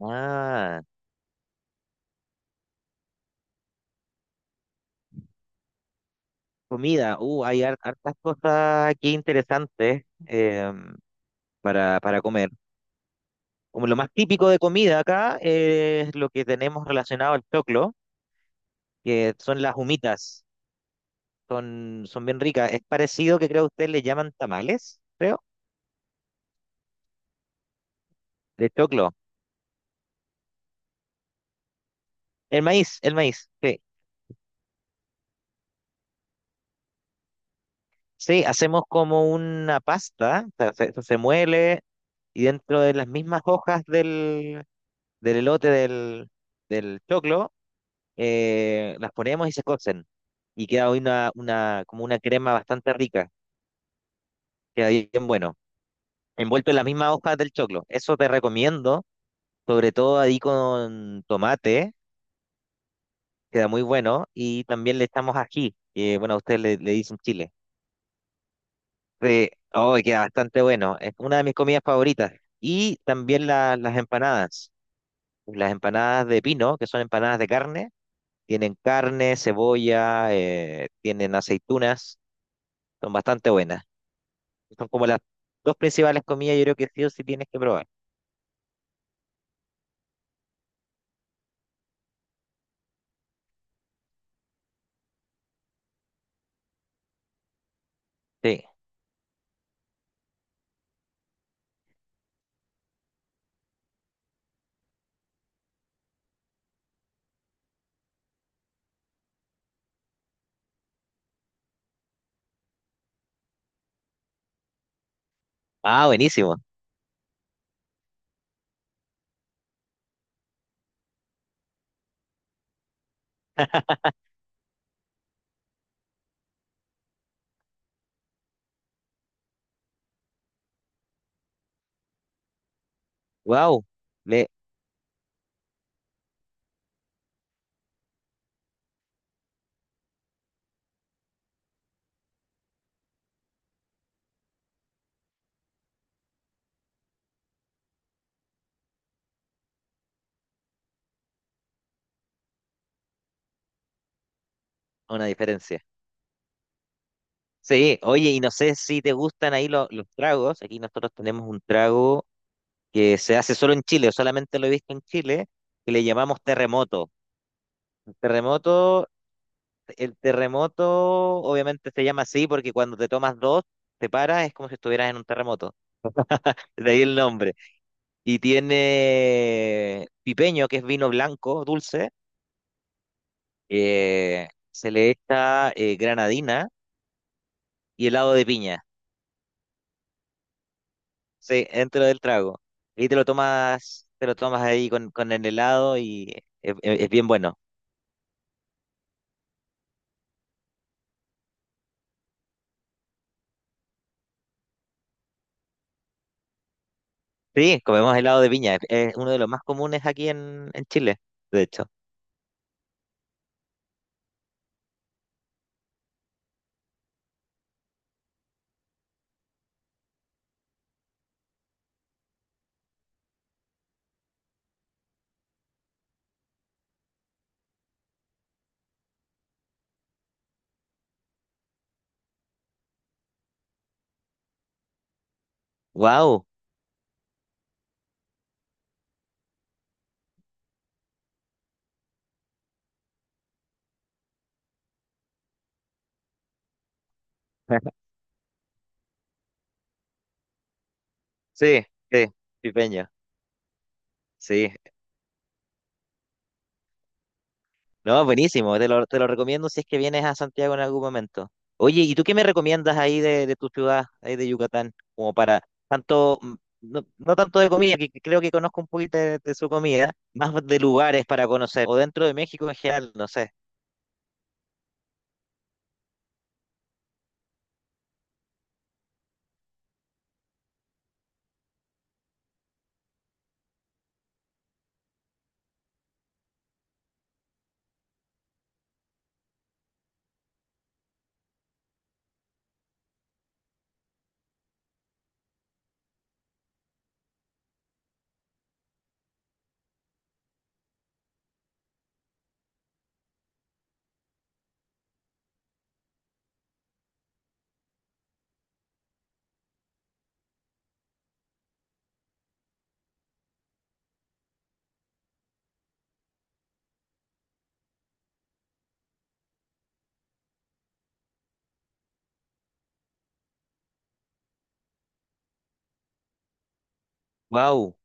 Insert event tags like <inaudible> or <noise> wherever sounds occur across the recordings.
Ah, comida. Hay hartas cosas aquí interesantes para comer. Como lo más típico de comida acá es lo que tenemos relacionado al choclo, que son las humitas. Son bien ricas. Es parecido que creo ustedes le llaman tamales, creo, de choclo. El maíz, sí. Sí, hacemos como una pasta, o sea, se muele y dentro de las mismas hojas del, elote del choclo las ponemos y se cocen. Y queda hoy como una crema bastante rica, queda bien bueno, envuelto en la misma hoja del choclo. Eso te recomiendo, sobre todo ahí con tomate, queda muy bueno. Y también le echamos ají, que bueno, a ustedes le dicen chile. Sí, oh, y queda bastante bueno, es una de mis comidas favoritas. Y también las empanadas de pino, que son empanadas de carne, tienen carne, cebolla, tienen aceitunas, son bastante buenas. Son como las dos principales comidas, yo creo que sí o sí tienes que probar. Sí. Ah, buenísimo. <laughs> Wow, ve una diferencia. Sí, oye, y no sé si te gustan ahí los tragos. Aquí nosotros tenemos un trago que se hace solo en Chile, o solamente lo he visto en Chile, que le llamamos terremoto. El terremoto, el terremoto obviamente se llama así porque cuando te tomas dos, te paras, es como si estuvieras en un terremoto. De ahí el nombre. Y tiene pipeño, que es vino blanco, dulce se le echa granadina y helado de piña, sí, dentro del trago. Y te lo tomas ahí con, el helado y es bien bueno. Sí, comemos helado de piña, es uno de los más comunes aquí en, Chile, de hecho. ¡Wow! <laughs> Sí, sí, pipeño, sí. No, buenísimo, te lo recomiendo si es que vienes a Santiago en algún momento. Oye, ¿y tú qué me recomiendas ahí de, tu ciudad, ahí de Yucatán? Como para tanto, no, no tanto de comida, que creo que conozco un poquito de, su comida, más de lugares para conocer, o dentro de México en general, no sé. Wow.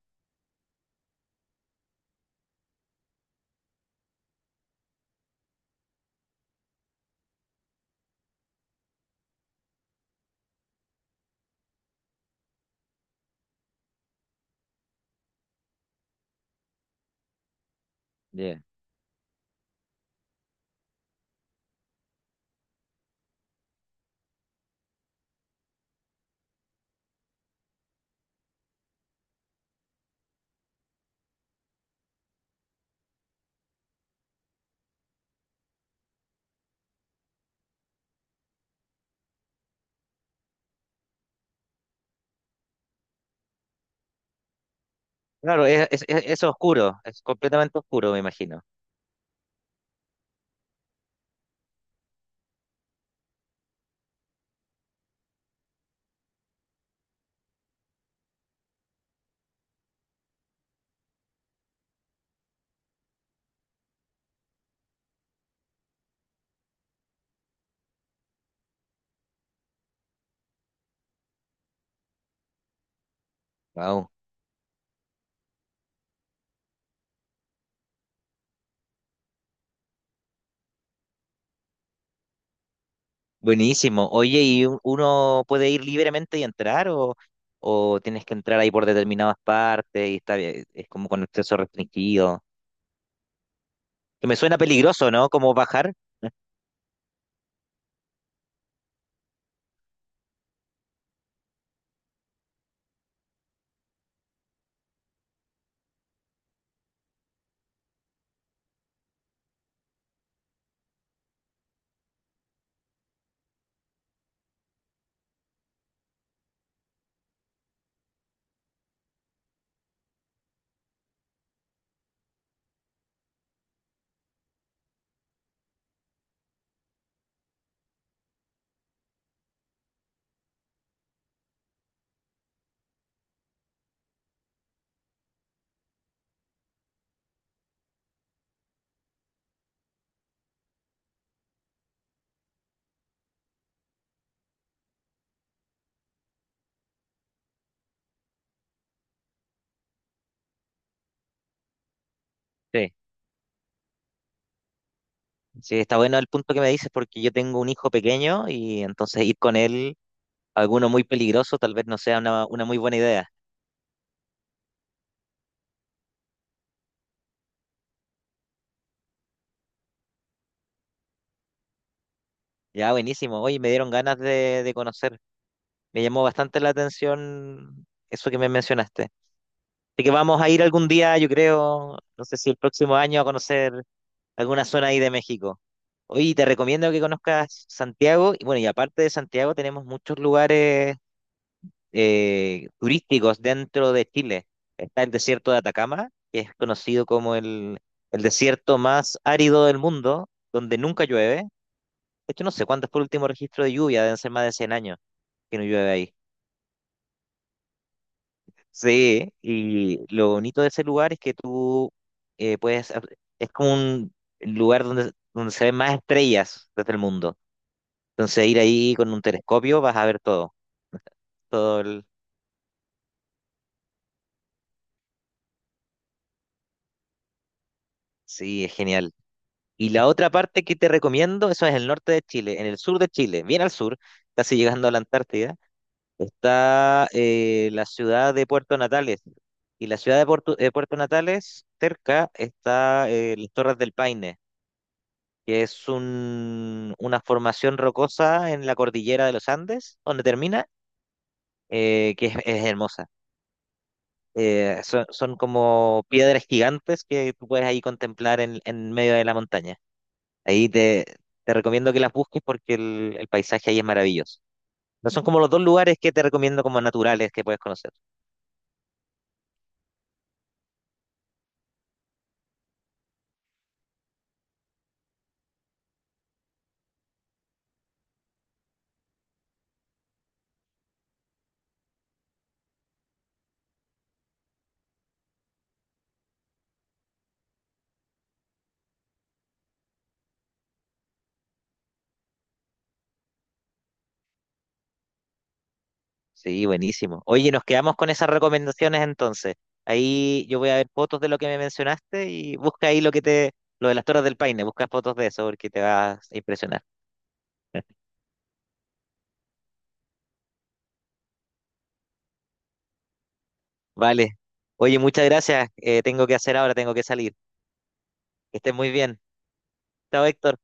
Claro, es oscuro, es completamente oscuro, me imagino. Buenísimo. Oye, ¿y uno puede ir libremente y entrar o tienes que entrar ahí por determinadas partes y está bien, es como con acceso restringido? Que me suena peligroso, ¿no? Como bajar. Sí. Sí, está bueno el punto que me dices porque yo tengo un hijo pequeño y entonces ir con él a alguno muy peligroso tal vez no sea una muy buena idea. Ya, buenísimo. Oye, me dieron ganas de, conocer. Me llamó bastante la atención eso que me mencionaste. Así que vamos a ir algún día, yo creo, no sé si el próximo año a conocer alguna zona ahí de México. Oye, te recomiendo que conozcas Santiago. Y bueno, y aparte de Santiago, tenemos muchos lugares turísticos dentro de Chile. Está el desierto de Atacama, que es conocido como el desierto más árido del mundo, donde nunca llueve. De hecho, no sé cuándo fue el último registro de lluvia, deben ser más de 100 años que no llueve ahí. Sí, y lo bonito de ese lugar es que tú puedes. Es como un lugar donde se ven más estrellas desde el mundo. Entonces ir ahí con un telescopio vas a ver todo el... Sí, es genial. Y la otra parte que te recomiendo, eso es el norte de Chile, en el sur de Chile, bien al sur, casi llegando a la Antártida, está la ciudad de Puerto Natales. Y la ciudad de Puerto Natales, cerca, está las Torres del Paine, que es una formación rocosa en la cordillera de los Andes, donde termina, que es hermosa. Son como piedras gigantes que tú puedes ahí contemplar en, medio de la montaña. Ahí te recomiendo que las busques porque el paisaje ahí es maravilloso. No son como los dos lugares que te recomiendo como naturales que puedes conocer. Sí, buenísimo. Oye, nos quedamos con esas recomendaciones entonces. Ahí yo voy a ver fotos de lo que me mencionaste y busca ahí lo de las Torres del Paine, busca fotos de eso porque te vas a impresionar. <laughs> Vale. Oye, muchas gracias. Tengo que hacer ahora, tengo que salir. Que estés muy bien. Chao, Héctor.